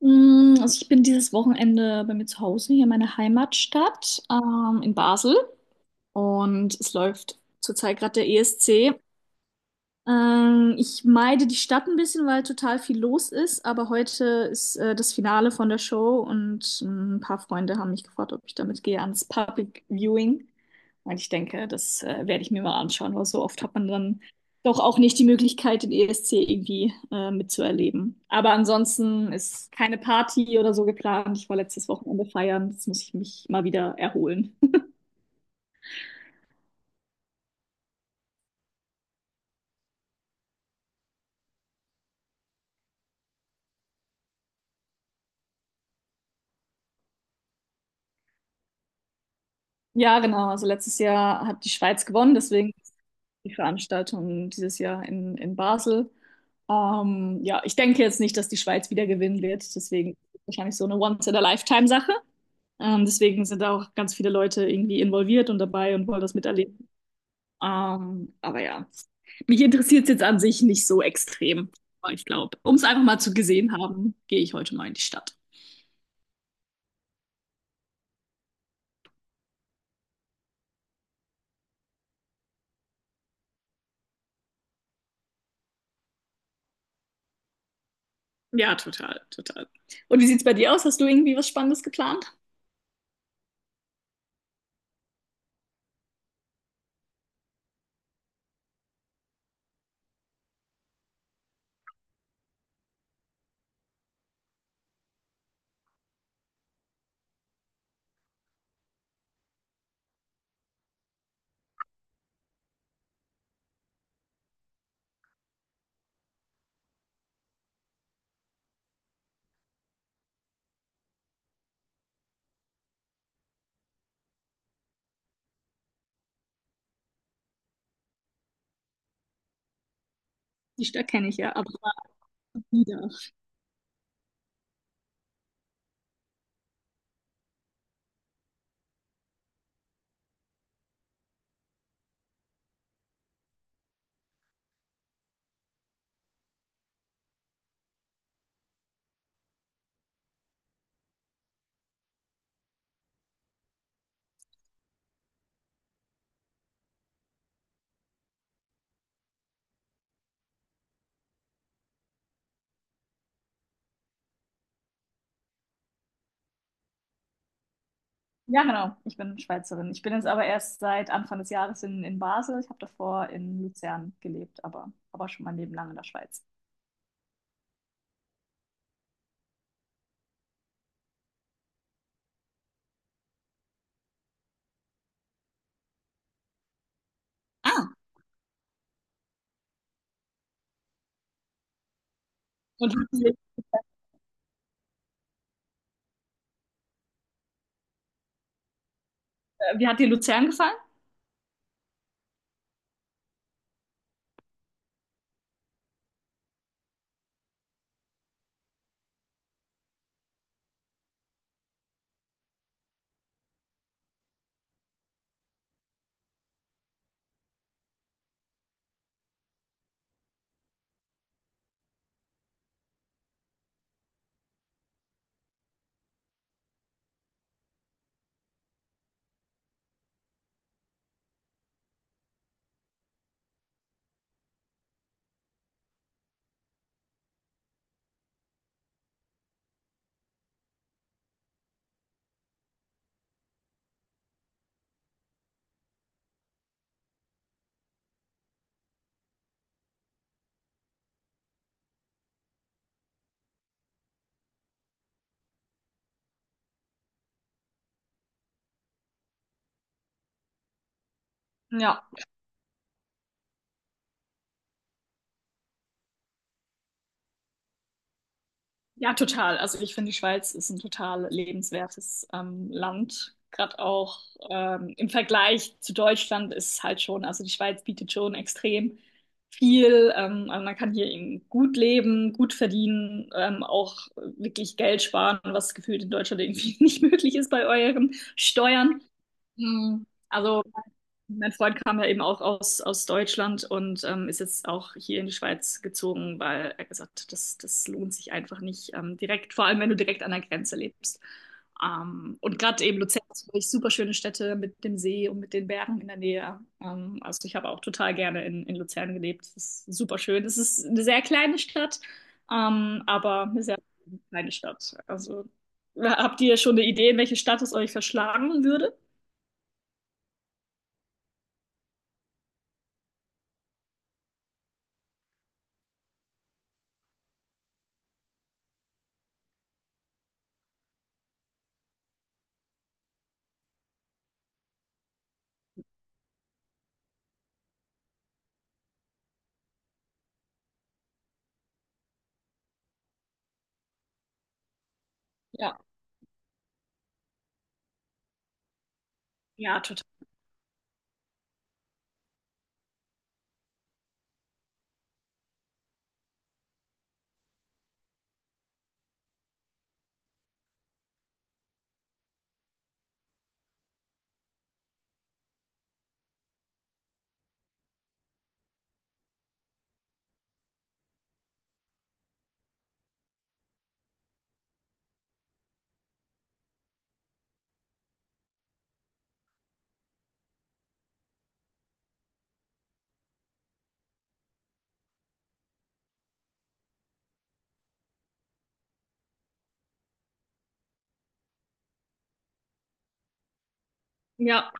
Mm, also ich bin dieses Wochenende bei mir zu Hause, hier in meiner Heimatstadt, in Basel. Und es läuft zurzeit gerade der ESC. Ich meide die Stadt ein bisschen, weil total viel los ist, aber heute ist das Finale von der Show, und ein paar Freunde haben mich gefragt, ob ich damit gehe ans Public Viewing. Und ich denke, das werde ich mir mal anschauen, weil so oft hat man dann doch auch nicht die Möglichkeit, den ESC irgendwie mitzuerleben. Aber ansonsten ist keine Party oder so geplant. Ich war letztes Wochenende feiern, jetzt muss ich mich mal wieder erholen. Ja, genau. Also letztes Jahr hat die Schweiz gewonnen, deswegen ist die Veranstaltung dieses Jahr in Basel. Ja, ich denke jetzt nicht, dass die Schweiz wieder gewinnen wird, deswegen wahrscheinlich so eine Once-in-a-Lifetime-Sache. Deswegen sind da auch ganz viele Leute irgendwie involviert und dabei und wollen das miterleben. Aber ja, mich interessiert es jetzt an sich nicht so extrem. Aber ich glaube, um es einfach mal zu gesehen haben, gehe ich heute mal in die Stadt. Ja, total, total. Und wie sieht's bei dir aus? Hast du irgendwie was Spannendes geplant? Die Stadt kenne ich ja, aber. Wieder. Ja, genau. Ich bin Schweizerin. Ich bin jetzt aber erst seit Anfang des Jahres in Basel. Ich habe davor in Luzern gelebt, aber schon mein Leben lang in der Schweiz. Ah, und hat sie, wie hat dir Luzern gefallen? Ja. Ja, total. Also ich finde, die Schweiz ist ein total lebenswertes Land. Gerade auch im Vergleich zu Deutschland ist es halt schon, also die Schweiz bietet schon extrem viel. Also man kann hier eben gut leben, gut verdienen, auch wirklich Geld sparen, was gefühlt in Deutschland irgendwie nicht möglich ist bei euren Steuern. Mhm. Also mein Freund kam ja eben auch aus Deutschland und ist jetzt auch hier in die Schweiz gezogen, weil er gesagt hat, das lohnt sich einfach nicht direkt, vor allem wenn du direkt an der Grenze lebst. Und gerade eben Luzern ist wirklich super schöne Städte mit dem See und mit den Bergen in der Nähe. Also ich habe auch total gerne in Luzern gelebt. Es ist super schön. Es ist eine sehr kleine Stadt, aber eine sehr kleine Stadt. Also habt ihr schon eine Idee, in welche Stadt es euch verschlagen würde? Ja, ja, total. Ja.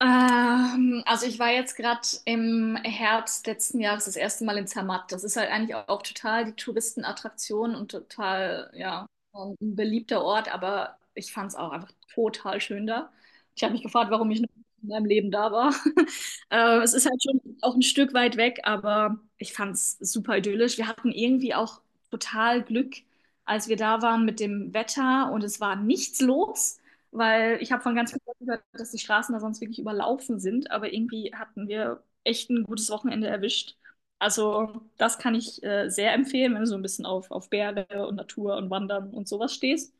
Also ich war jetzt gerade im Herbst letzten Jahres das erste Mal in Zermatt. Das ist halt eigentlich auch total die Touristenattraktion und total, ja, ein beliebter Ort, aber ich fand es auch einfach total schön da. Ich habe mich gefragt, warum ich noch nie in meinem Leben da war. Es ist halt schon auch ein Stück weit weg, aber ich fand es super idyllisch. Wir hatten irgendwie auch total Glück, als wir da waren mit dem Wetter, und es war nichts los, weil ich habe von ganz vielen Leuten gehört, dass die Straßen da sonst wirklich überlaufen sind, aber irgendwie hatten wir echt ein gutes Wochenende erwischt. Also das kann ich sehr empfehlen, wenn du so ein bisschen auf Berge und Natur und Wandern und sowas stehst.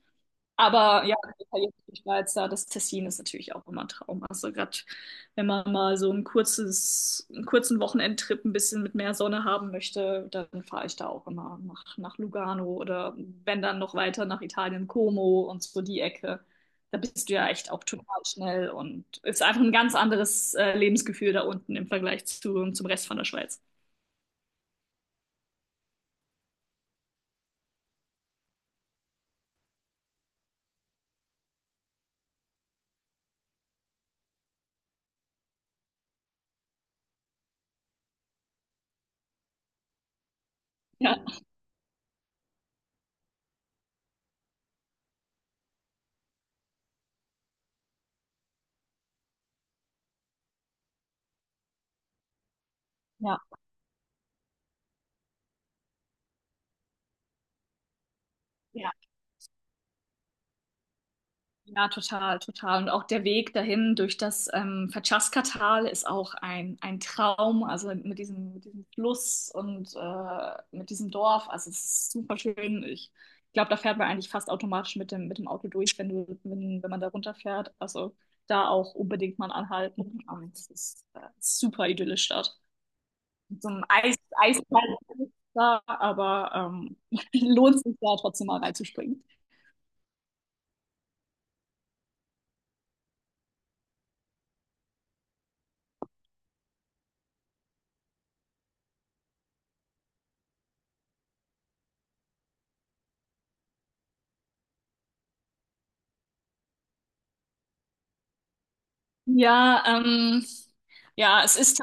Aber ja, die italienische Schweiz da, das Tessin ist natürlich auch immer ein Traum. Also gerade wenn man mal so ein kurzes, einen kurzen Wochenendtrip ein bisschen mit mehr Sonne haben möchte, dann fahre ich da auch immer nach Lugano oder wenn dann noch weiter nach Italien, Como und so die Ecke. Da bist du ja echt auch total schnell und ist einfach ein ganz anderes Lebensgefühl da unten im Vergleich zum Rest von der Schweiz. Ja, ja, ja. Ja, total, total. Und auch der Weg dahin durch das Verchaska-Tal ist auch ein Traum. Also mit diesem Fluss und mit diesem Dorf. Also es ist super schön. Ich glaube, da fährt man eigentlich fast automatisch mit dem Auto durch, wenn du, wenn, wenn man da runterfährt. Also da auch unbedingt mal anhalten. Es ist super idyllisch dort. Mit so einem Eisfall da, aber lohnt sich da trotzdem mal reinzuspringen. Ja, ja, es ist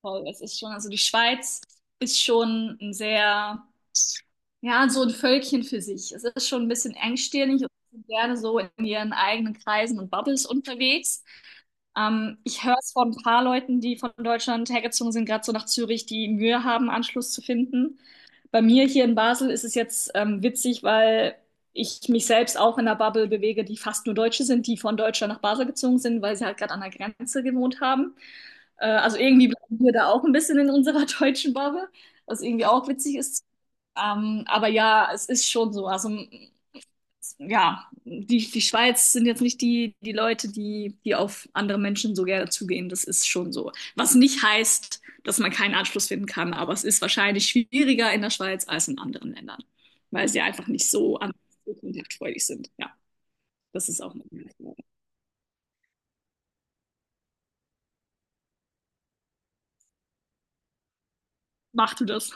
voll, das ist schon, also die Schweiz ist schon ein sehr, ja, so ein Völkchen für sich. Es ist schon ein bisschen engstirnig und sind gerne so in ihren eigenen Kreisen und Bubbles unterwegs. Ich höre es von ein paar Leuten, die von Deutschland hergezogen sind, gerade so nach Zürich, die Mühe haben, Anschluss zu finden. Bei mir hier in Basel ist es jetzt witzig, weil ich mich selbst auch in einer Bubble bewege, die fast nur Deutsche sind, die von Deutschland nach Basel gezogen sind, weil sie halt gerade an der Grenze gewohnt haben. Also irgendwie bleiben wir da auch ein bisschen in unserer deutschen Bubble, was irgendwie auch witzig ist. Aber ja, es ist schon so. Also ja, die Schweiz sind jetzt nicht die, die Leute, die auf andere Menschen so gerne zugehen. Das ist schon so. Was nicht heißt, dass man keinen Anschluss finden kann, aber es ist wahrscheinlich schwieriger in der Schweiz als in anderen Ländern, weil sie einfach nicht so so kontaktfreudig sind. Ja, das ist auch eine. Macht du das?